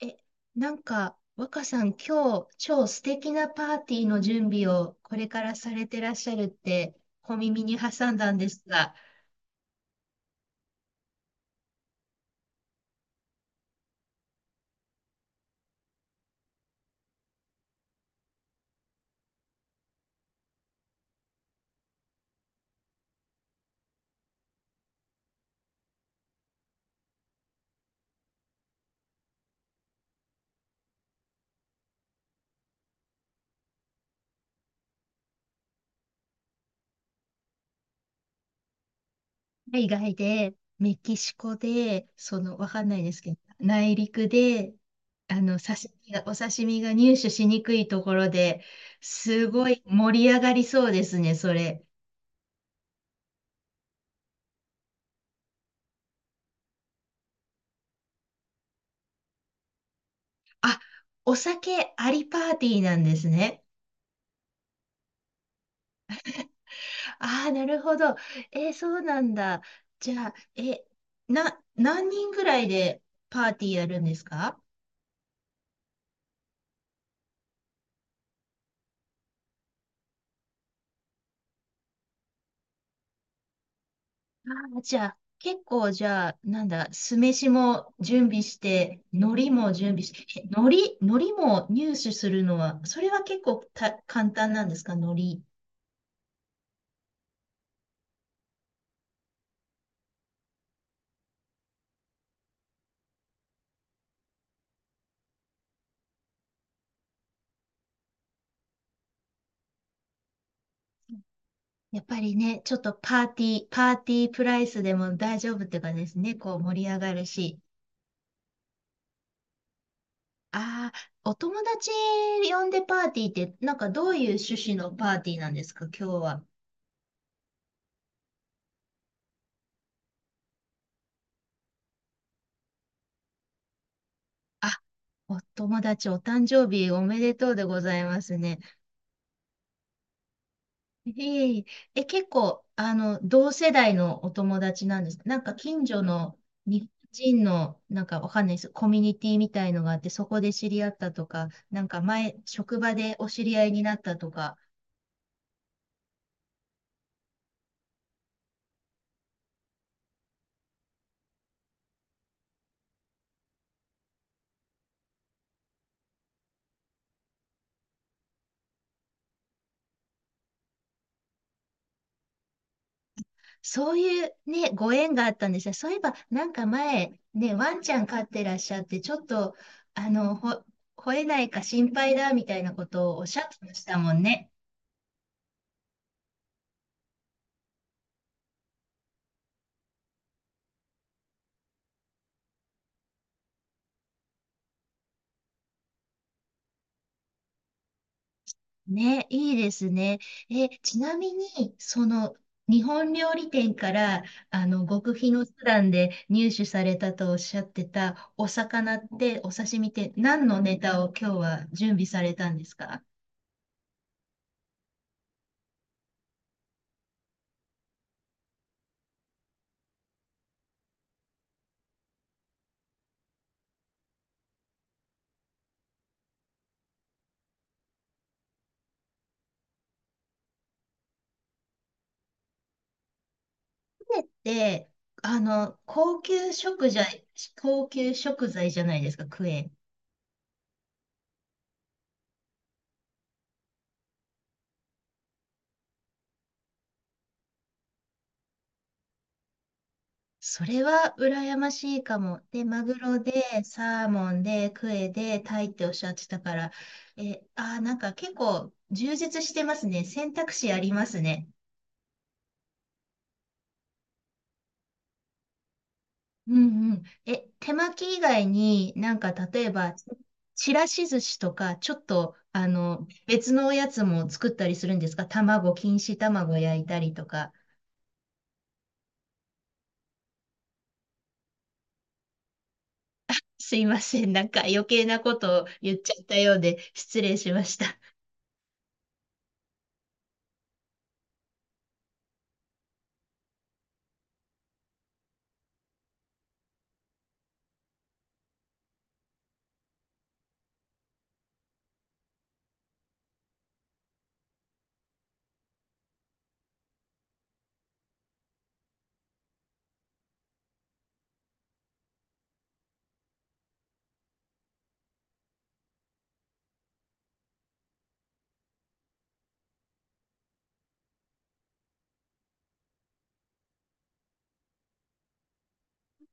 え、若さん、今日、超素敵なパーティーの準備をこれからされてらっしゃるって、小耳に挟んだんですが。海外で、メキシコで、わかんないですけど、内陸で、刺身が、お刺身が入手しにくいところで、すごい盛り上がりそうですね、それ。あ、お酒ありパーティーなんですね。ああ、なるほど。そうなんだ。じゃあ、何人ぐらいでパーティーやるんですか？ああ、じゃあ、結構、じゃあ、なんだ、酢飯も準備して、海苔も準備して、海苔も入手するのは、それは結構簡単なんですか、海苔。やっぱりね、ちょっとパーティープライスでも大丈夫っていうかですね、こう盛り上がるし。ああ、お友達呼んでパーティーって、なんかどういう趣旨のパーティーなんですか、今日は。あ、お友達、お誕生日おめでとうでございますね。ええ、結構、同世代のお友達なんですか。なんか近所の日本人の、なんかわかんないです。コミュニティみたいのがあって、そこで知り合ったとか、なんか前、職場でお知り合いになったとか。そういうね、ご縁があったんですよ。そういえば、なんか前、ね、ワンちゃん飼ってらっしゃって、ちょっと、あの、ほ、吠えないか心配だみたいなことをおっしゃってましたもんね。ね、いいですね。ちなみに、日本料理店から、極秘の手段で入手されたとおっしゃってたお魚って、お刺身って、何のネタを今日は準備されたんですか？で、あの、高級食材、高級食材じゃないですか、クエ。それは羨ましいかも。で、マグロで、サーモンで、クエで、タイっておっしゃってたから、え、あー、なんか結構充実してますね。選択肢ありますね。うんうん。手巻き以外になんか例えば、ちらし寿司とか、ちょっと、別のおやつも作ったりするんですか？卵、錦糸卵焼いたりとか。すいません。なんか余計なことを言っちゃったようで失礼しました。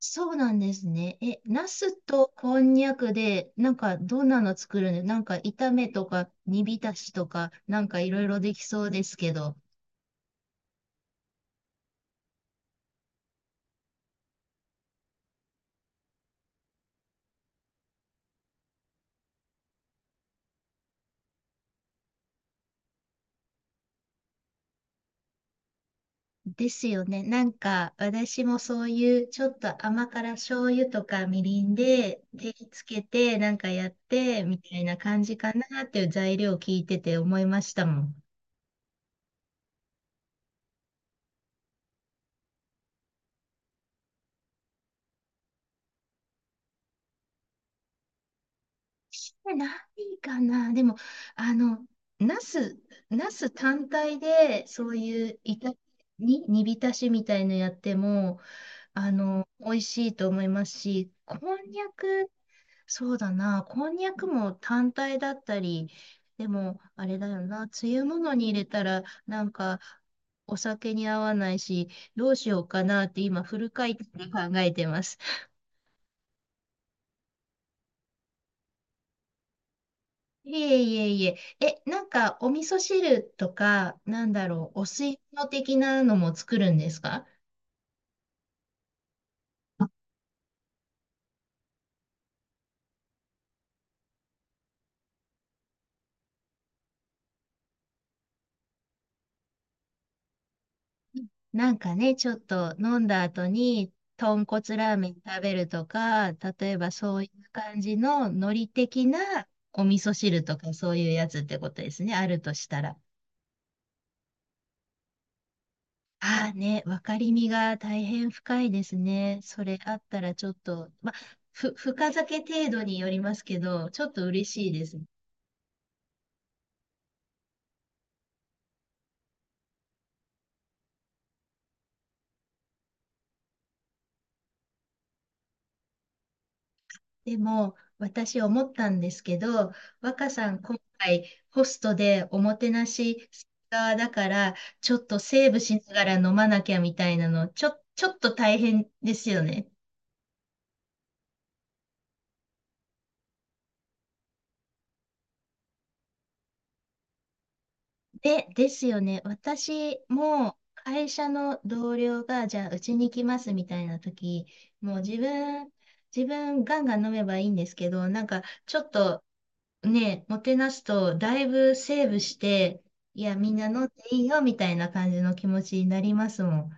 そうなんですね。ナスとこんにゃくで、なんかどんなの作るの？なんか炒めとか煮浸しとか、なんかいろいろできそうですけど。ですよね。なんか私もそういうちょっと甘辛醤油とかみりんで手つけてなんかやってみたいな感じかなっていう材料を聞いてて思いましたもん。してないかな。でも、あの、ナス、ナス単体で、そういういた、に、煮浸しみたいのやっても、美味しいと思いますし、こんにゃく、そうだな、こんにゃくも単体だったり、でも、あれだよな、つゆものに入れたら、なんか、お酒に合わないし、どうしようかなって今、フル回転で考えてます。いえいえいえ。なんか、お味噌汁とか、なんだろう、お吸い物的なのも作るんですか？あ、なんかね、ちょっと飲んだ後に、豚骨ラーメン食べるとか、例えばそういう感じの海苔的なお味噌汁とか、そういうやつってことですね、あるとしたら。ああね、分かりみが大変深いですね。それあったらちょっと、まあ、深酒程度によりますけど、ちょっと嬉しいです。でも、私思ったんですけど、若さん、今回、ホストでおもてなし側だから、ちょっとセーブしながら飲まなきゃみたいなの、ちょっと大変ですよね。ですよね。私も会社の同僚が、じゃあ、うちに来ますみたいな時、もう自分、自分ガンガン飲めばいいんですけど、なんか、ちょっとね、もてなすと、だいぶセーブして、いや、みんな飲んでいいよ、みたいな感じの気持ちになりますもん。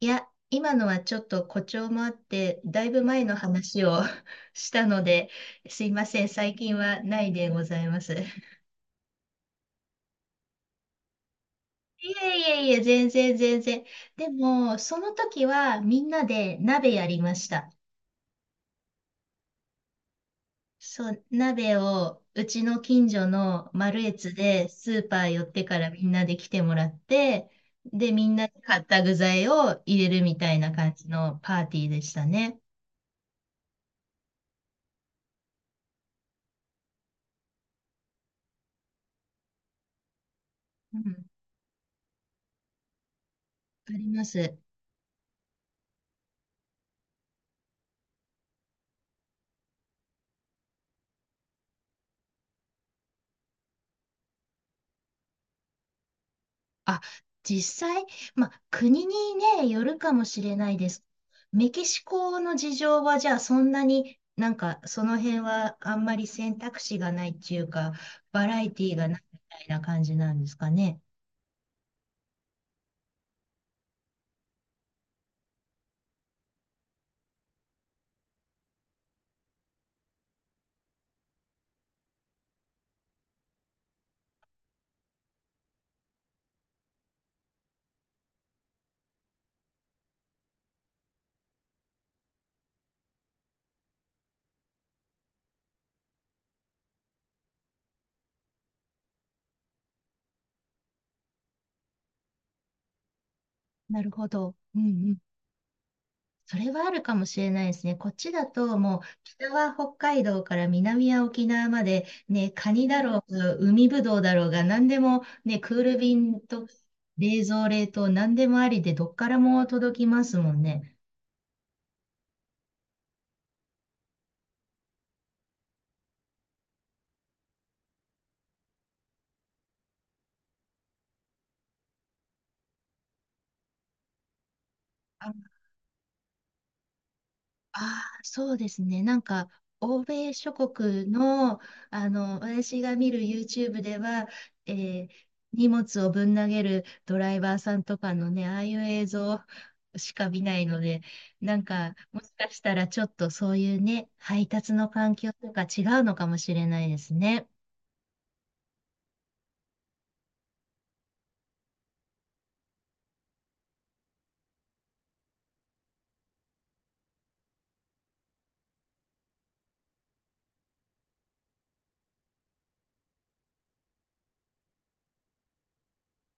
いや、今のはちょっと誇張もあって、だいぶ前の話を したので、すいません、最近はないでございます。いえいえいえ、全然全然。でも、その時はみんなで鍋やりました。そう、鍋をうちの近所のマルエツでスーパー寄ってからみんなで来てもらって、で、みんなで買った具材を入れるみたいな感じのパーティーでしたね。うん、あります。あ、実際、まあ、国にね、よるかもしれないです。メキシコの事情はじゃあそんなになんかその辺はあんまり選択肢がないっていうか、バラエティーがないみたいな感じなんですかね。なるほど。うんうん。それはあるかもしれないですね。こっちだともう北は北海道から南は沖縄までね、カニだろうが、海ぶどうだろうが、何でもね、クール便と冷蔵冷凍何でもありでどっからも届きますもんね。ああ、そうですね。なんか、欧米諸国の、私が見る YouTube では、えー荷物をぶん投げるドライバーさんとかのね、ああいう映像しか見ないので、なんか、もしかしたらちょっとそういうね、配達の環境とか違うのかもしれないですね。